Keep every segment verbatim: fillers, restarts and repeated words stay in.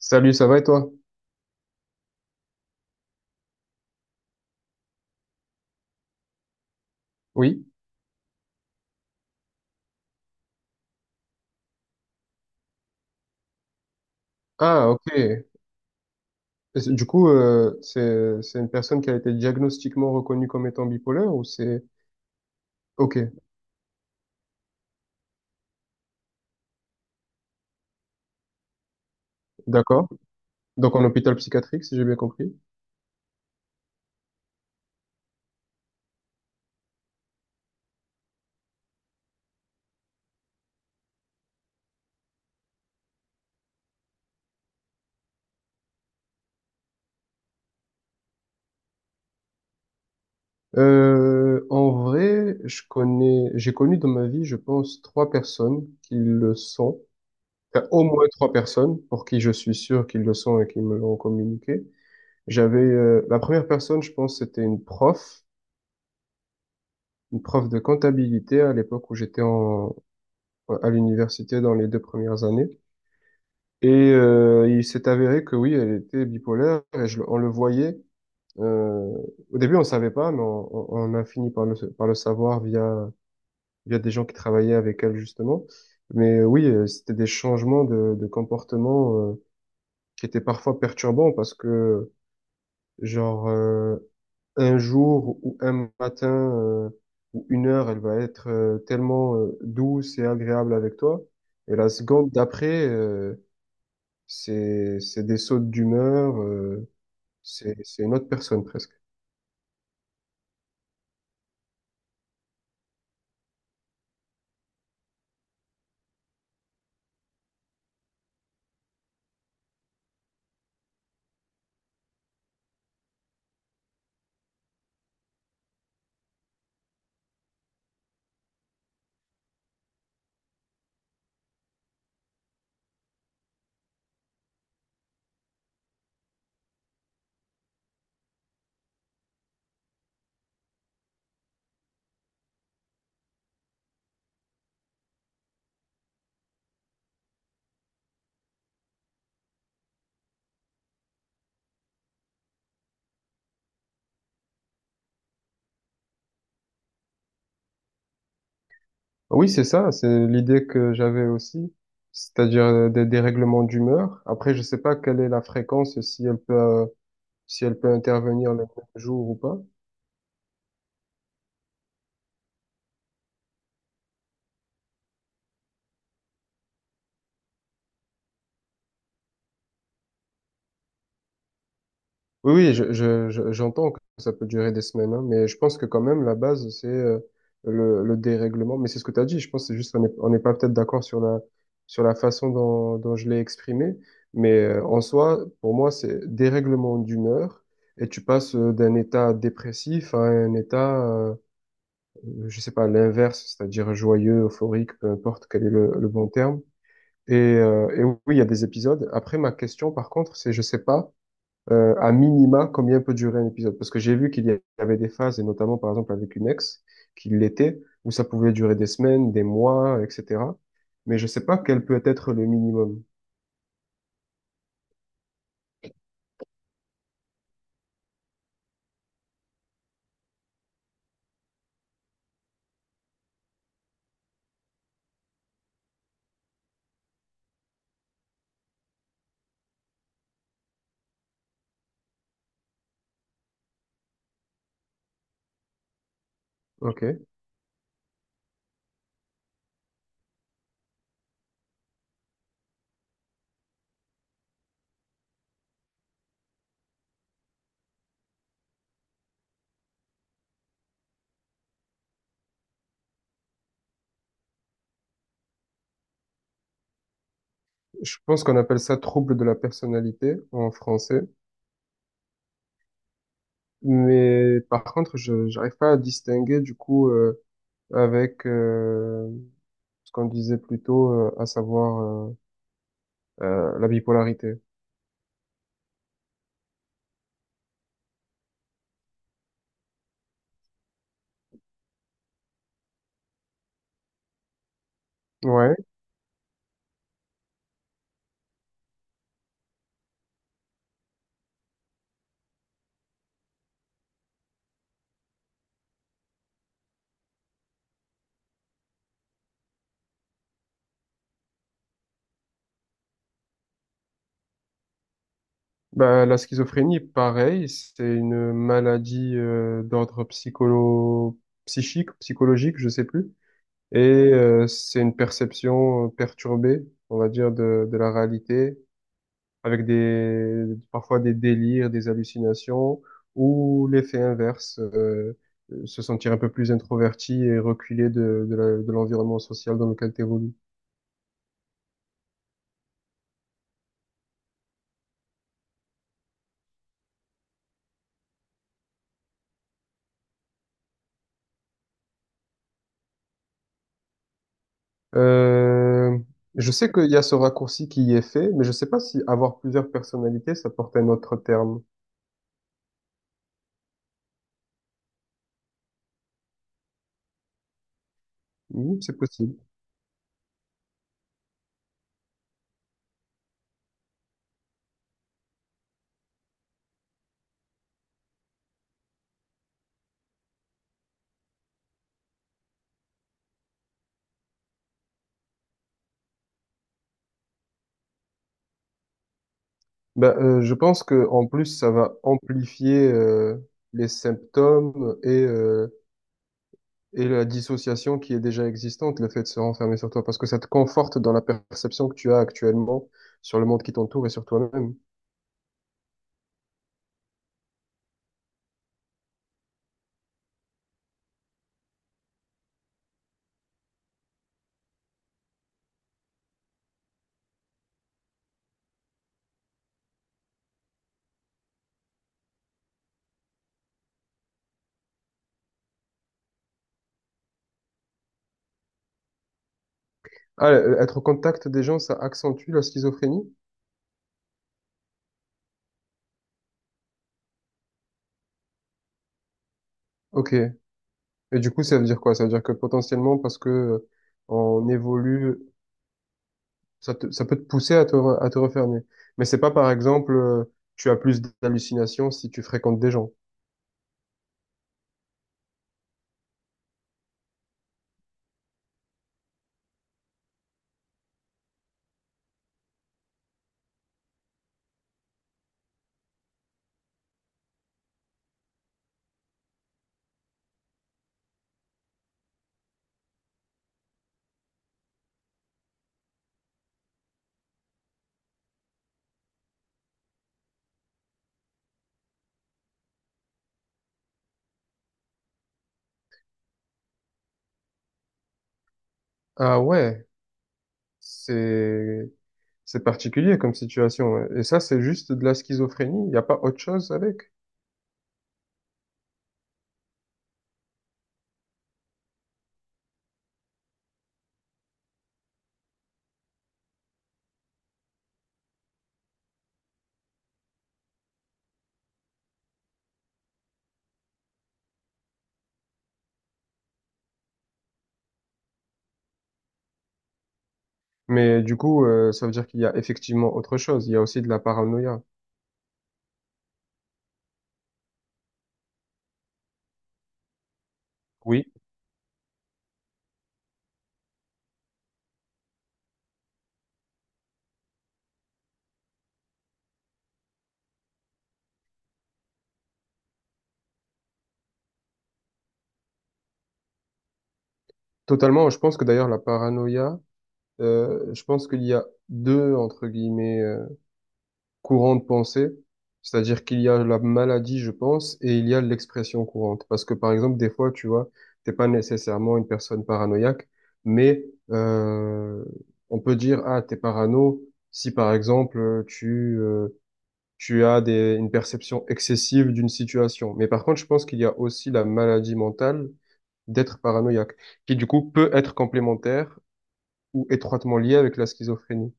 Salut, ça va et toi? Oui. Ah, ok. Et c'est- Du coup, euh, c'est c'est une personne qui a été diagnostiquement reconnue comme étant bipolaire ou c'est... Ok, d'accord. Donc en hôpital psychiatrique, si j'ai bien compris. Euh, en vrai, je connais, j'ai connu dans ma vie, je pense, trois personnes qui le sont. Enfin, au moins trois personnes pour qui je suis sûr qu'ils le sont et qui me l'ont communiqué. J'avais, euh, la première personne, je pense, c'était une prof, une prof de comptabilité à l'époque où j'étais en, à l'université dans les deux premières années. Et euh, il s'est avéré que oui, elle était bipolaire et je, le- on le voyait. euh, Au début, on ne savait pas, mais on, on- on a fini par le, par le savoir via, via des gens qui travaillaient avec elle justement. Mais euh, oui, euh, c'était des changements de, de comportement euh, qui étaient parfois perturbants parce que genre euh, un jour ou un matin euh, ou une heure, elle va être euh, tellement euh, douce et agréable avec toi. Et la seconde d'après, euh, C'est, c'est des sautes d'humeur, euh, c'est, c'est une autre personne presque. Ah oui, c'est ça, c'est l'idée que j'avais aussi, c'est-à-dire euh, des dérèglements d'humeur. Après, je sais pas quelle est la fréquence, si elle peut, euh, si elle peut intervenir le même jour ou pas. Oui, oui, je, je, je- j'entends que ça peut durer des semaines, hein, mais je pense que quand même, la base, c'est euh, le, le dérèglement. Mais c'est ce que tu as dit, je pense que c'est juste qu'on n'est on n'est pas peut-être d'accord sur la, sur la façon dont, dont je l'ai exprimé, mais euh, en soi, pour moi, c'est dérèglement d'humeur, et tu passes euh, d'un état dépressif à un état, euh, je sais pas, l'inverse, c'est-à-dire joyeux, euphorique, peu importe quel est le, le bon terme. Et, euh, et oui, il y a des épisodes. Après, ma question, par contre, c'est, je sais pas euh, à minima, combien peut durer un épisode? Parce que j'ai vu qu'il y avait des phases, et notamment par exemple avec une ex, qui l'était, où ça pouvait durer des semaines, des mois, et cetera. Mais je sais pas quel peut être le minimum. Ok. Je pense qu'on appelle ça trouble de la personnalité en français. Mais par contre, je j'arrive pas à distinguer du coup euh, avec euh, ce qu'on disait plus tôt, euh, à savoir euh, euh, la bipolarité. Ouais. Bah, la schizophrénie, pareil, c'est une maladie euh, d'ordre psycholo psychique, psychologique, je sais plus. Et euh, c'est une perception euh, perturbée, on va dire, de, de la réalité, avec des parfois des délires, des hallucinations, ou l'effet inverse, euh, se sentir un peu plus introverti et reculé de, de la- de l'environnement social dans lequel tu Euh, je sais qu'il y a ce raccourci qui y est fait, mais je sais pas si avoir plusieurs personnalités, ça porte un autre terme. Hmm, c'est possible. Ben, euh, je pense que en plus, ça va amplifier euh, les symptômes et, euh, et la dissociation qui est déjà existante, le fait de se renfermer sur toi, parce que ça te conforte dans la perception que tu as actuellement sur le monde qui t'entoure et sur toi-même. Ah, euh, être au contact des gens, ça accentue la schizophrénie? Ok. Et du coup, ça veut dire quoi? Ça veut dire que potentiellement, parce que euh, on évolue, ça te- ça peut te pousser à te, re- à te refermer. Mais c'est pas, par exemple, euh, tu as plus d'hallucinations si tu fréquentes des gens. Ah ouais, c'est, c'est particulier comme situation. Ouais. Et ça, c'est juste de la schizophrénie. Il n'y a pas autre chose avec. Mais du coup, euh, ça veut dire qu'il y a effectivement autre chose. Il y a aussi de la paranoïa. Oui, totalement. Je pense que d'ailleurs, la paranoïa, euh, je pense qu'il y a deux, entre guillemets, euh, courant de pensée, c'est-à-dire qu'il y a la maladie, je pense, et il y a l'expression courante. Parce que par exemple, des fois, tu vois, t'es pas nécessairement une personne paranoïaque, mais euh, on peut dire, ah, t'es parano si par exemple tu euh, tu as des, une perception excessive d'une situation. Mais par contre, je pense qu'il y a aussi la maladie mentale d'être paranoïaque, qui du coup peut être complémentaire ou étroitement liée avec la schizophrénie.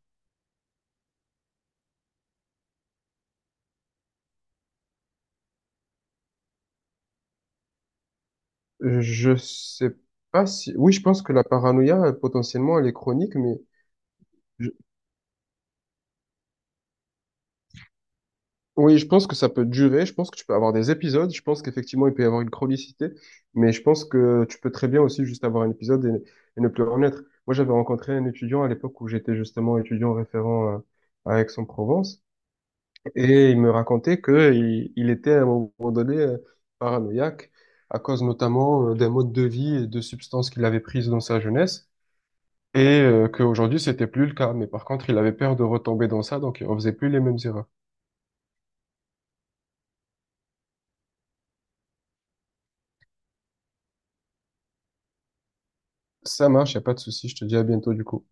Je sais pas si... Oui, je pense que la paranoïa, euh, potentiellement, elle est chronique, mais... je- Oui, je pense que ça peut durer, je pense que tu peux avoir des épisodes, je pense qu'effectivement, il peut y avoir une chronicité, mais je pense que tu peux très bien aussi juste avoir un épisode et, et ne plus en être. Moi, j'avais rencontré un étudiant à l'époque où j'étais justement étudiant référent à, à Aix-en-Provence, et il me racontait que il, il était à un moment donné euh, paranoïaque, à cause notamment euh, d'un mode de vie et de substances qu'il avait prises dans sa jeunesse. Et euh, qu'aujourd'hui, c'était plus le cas. Mais par contre, il avait peur de retomber dans ça, donc il refaisait plus les mêmes erreurs. Ça marche, y a pas de souci. Je te dis à bientôt du coup.